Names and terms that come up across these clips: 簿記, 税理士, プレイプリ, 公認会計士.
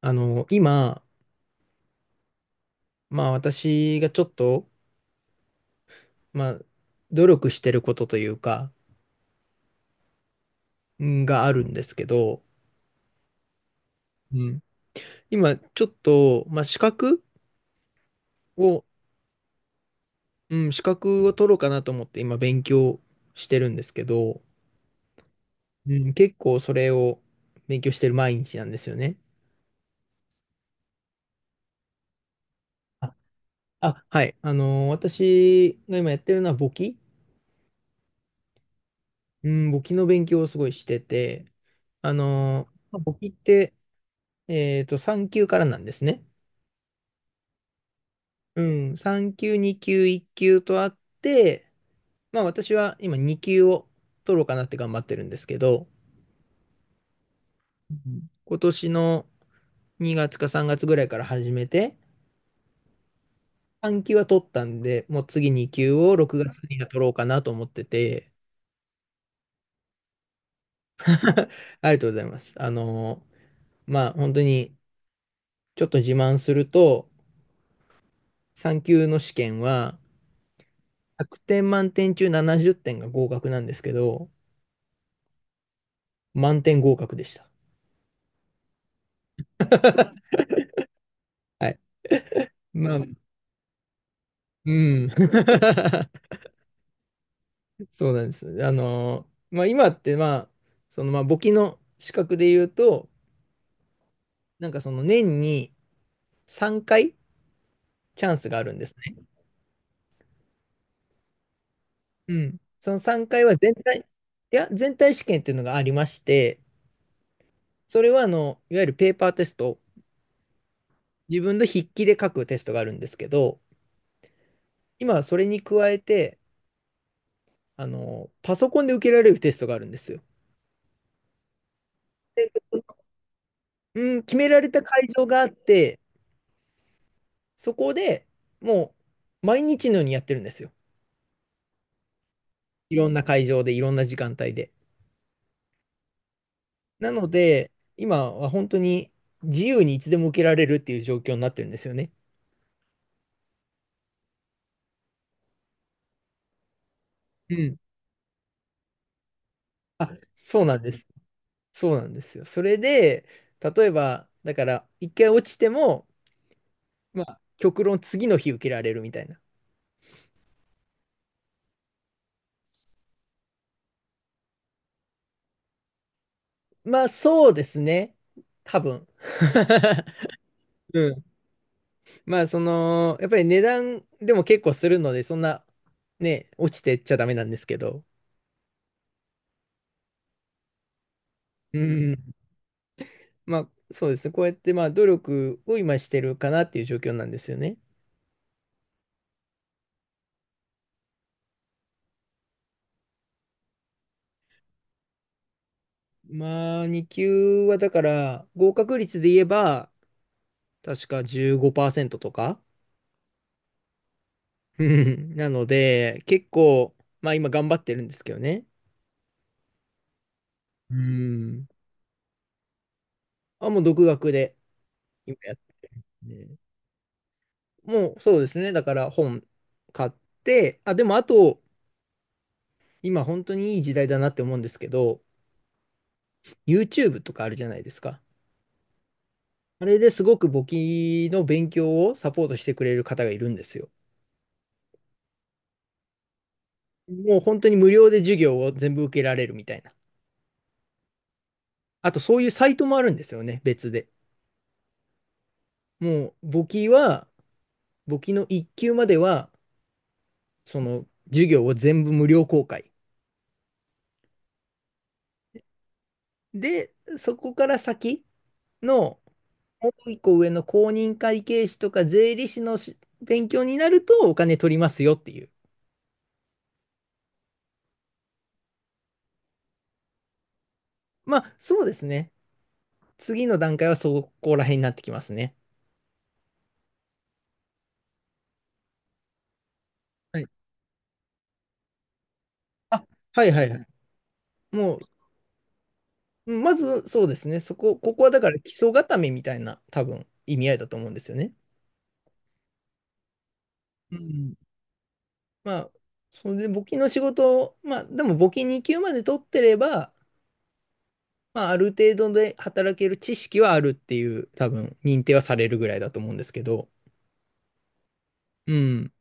あの、今、まあ私がちょっと、まあ、努力してることというか、があるんですけど、うん、今ちょっと、まあ資格を、うん、資格を取ろうかなと思って今勉強してるんですけど、うん、結構それを勉強してる毎日なんですよね。あ、あはい。あの、私が今やってるのは簿記。うん、簿記の勉強をすごいしてて、まあ簿記って、3級からなんですね。うん、3級、2級、1級とあって、まあ私は今2級を取ろうかなって頑張ってるんですけど、うん、今年の2月か3月ぐらいから始めて、3級は取ったんで、もう次2級を6月には取ろうかなと思ってて、ありがとうございます。まあ本当にちょっと自慢すると、3級の試験は100点満点中70点が合格なんですけど、満点合格でした。はい。まあ、うん。そうなんです。まあ、今って、簿記の資格で言うと、なんかその年に3回チャンスがあるんですね。うん。その3回はいや、全体試験っていうのがありまして、それは、いわゆるペーパーテスト、自分の筆記で書くテストがあるんですけど、今はそれに加えて、パソコンで受けられるテストがあるんですよ。でうん、決められた会場があって、そこでもう毎日のようにやってるんですよ。いろんな会場で、いろんな時間帯で。なので、今は本当に自由にいつでも受けられるっていう状況になってるんですよね。うん。あ、そうなんです。そうなんですよ。それで、例えば、だから、一回落ちても、まあ、極論次の日受けられるみたいな。そうですね。多分。うん。まあ、その、やっぱり値段でも結構するので、そんな、ね、落ちてっちゃダメなんですけど。うん。まあ、そうですね。こうやって、まあ、努力を今してるかなっていう状況なんですよね。まあ、2級はだから、合格率で言えば、確か15%とか。うん、なので、結構、まあ今頑張ってるんですけどね。うん。あ、もう独学で今やってて。もうそうですね。だから本買って、でもあと、今本当にいい時代だなって思うんですけど、YouTube とかあるじゃないですか。あれですごく簿記の勉強をサポートしてくれる方がいるんですよ。もう本当に無料で授業を全部受けられるみたいな。あとそういうサイトもあるんですよね、別で。もう簿記は、簿記の一級までは、その授業を全部無料公開。で、そこから先の、もう一個上の公認会計士とか税理士のし勉強になるとお金取りますよっていう。まあそうですね。次の段階はそこら辺になってきますね。はい、あ、はいはいはい。もまずそうですね、ここはだから基礎固めみたいな多分意味合いだと思うんですよね。うん。まあ、それで募金の仕事を、でも募金2級まで取ってれば、まあ、ある程度で働ける知識はあるっていう、多分認定はされるぐらいだと思うんですけど、うん。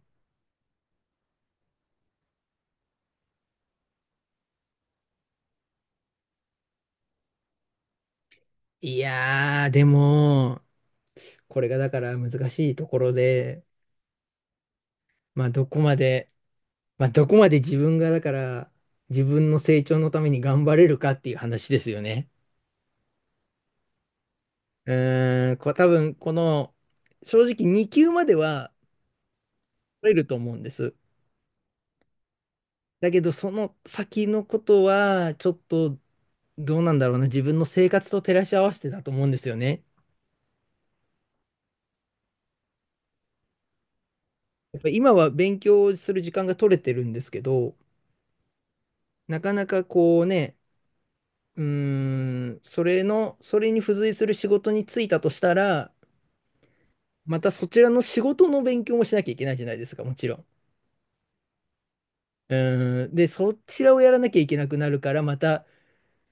いやー、でも、これがだから難しいところで、まあ、どこまで、まあ、どこまで自分がだから、自分の成長のために頑張れるかっていう話ですよね。うーん、こう多分この正直2級までは取れると思うんです。だけどその先のことはちょっとどうなんだろうな、自分の生活と照らし合わせてだと思うんですよね。やっぱ今は勉強する時間が取れてるんですけど、なかなかこうねうーそれのそれに付随する仕事に就いたとしたら、またそちらの仕事の勉強もしなきゃいけないじゃないですか、もちろん。うーん、でそちらをやらなきゃいけなくなるから、また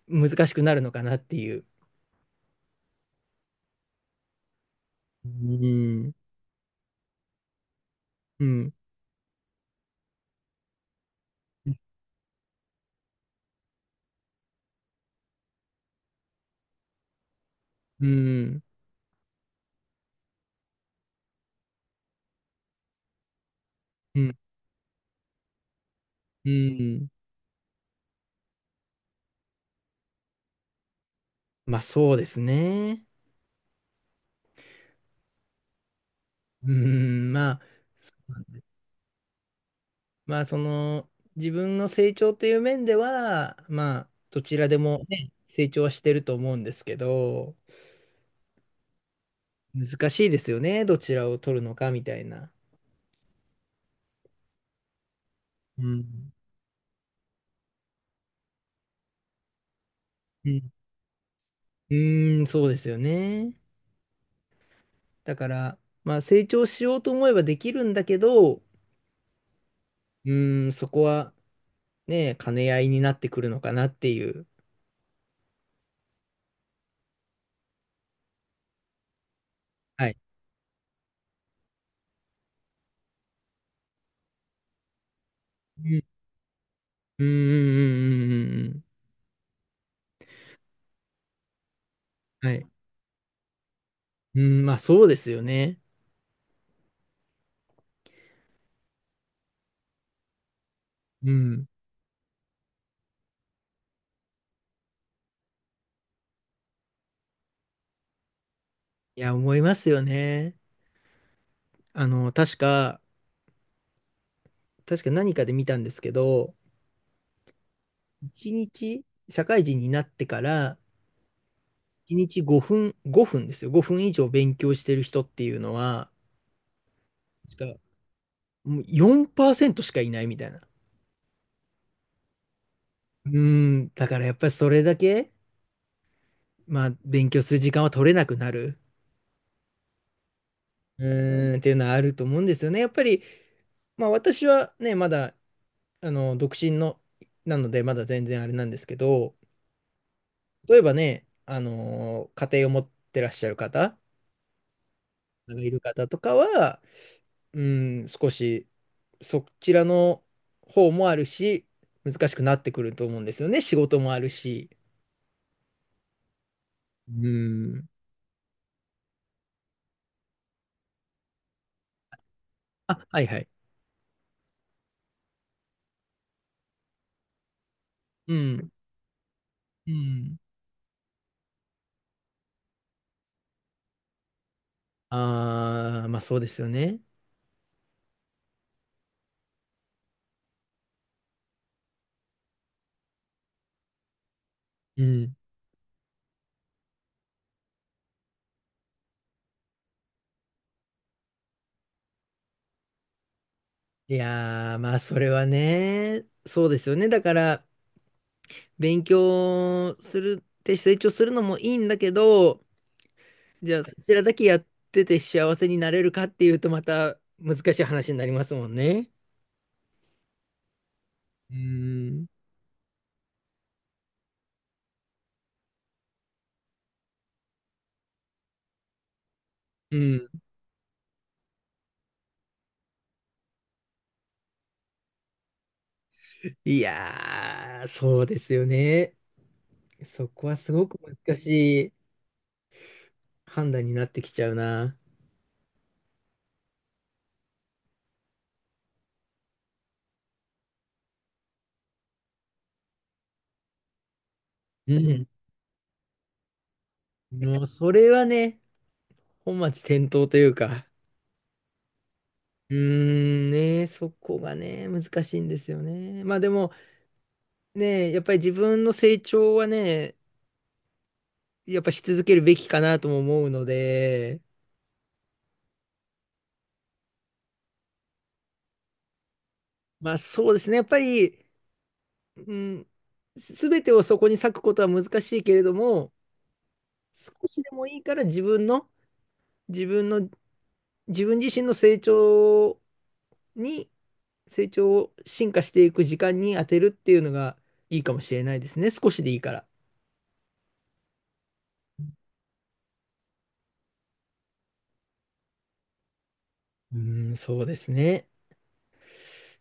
難しくなるのかなっていう。うん、うん、うん、うん、うん。まあそうですね。うん、そまあ、その自分の成長という面では、まあどちらでもね、成長はしてると思うんですけど、難しいですよね、どちらを取るのかみたいな。うん、うん、そうですよね。だから、まあ成長しようと思えばできるんだけど、うーん、そこはねえ、兼ね合いになってくるのかなっていう。はい。うん、うん、うん、うん、うん、うん、うん。はい。うん、まあそうですよね。うん。いや、思いますよね。あの、確か、確か何かで見たんですけど、一日、社会人になってから、一日5分、5分ですよ。5分以上勉強してる人っていうのは、確か、もう4%しかいないみたいな。うん、だからやっぱりそれだけ、まあ、勉強する時間は取れなくなる。うーん、っていうのはあると思うんですよね。やっぱり、まあ私はね、まだ、独身の、なので、まだ全然あれなんですけど、例えばね、家庭を持ってらっしゃる方がいる方とかは、うん、少し、そちらの方もあるし、難しくなってくると思うんですよね。仕事もあるし。うん。あ、はいはい。うん。うん。ああ、まあそうですよね。うん。いやー、まあ、それはね、そうですよね。だから、勉強するって成長するのもいいんだけど、じゃあ、そちらだけやってて幸せになれるかっていうと、また難しい話になりますもんね。うーん。うん。いやー、そうですよね。そこはすごく難しい判断になってきちゃうな。うん。もう、それはね、本末転倒というか。うーん、ね、そこがね、難しいんですよね。まあでもね、やっぱり自分の成長はね、やっぱし続けるべきかなとも思うので、まあそうですね、やっぱり、うん、すべてをそこに割くことは難しいけれども、少しでもいいから自分の、自分自身の成長に、成長を進化していく時間に当てるっていうのがいいかもしれないですね、少しでいいから。うーん、そうですね。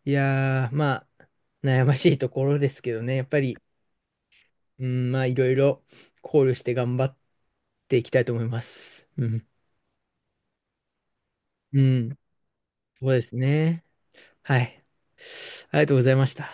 いやー、まあ、悩ましいところですけどね、やっぱり、うん、まあ、いろいろ考慮して頑張っていきたいと思います。うん。うん。そうですね。はい。ありがとうございました。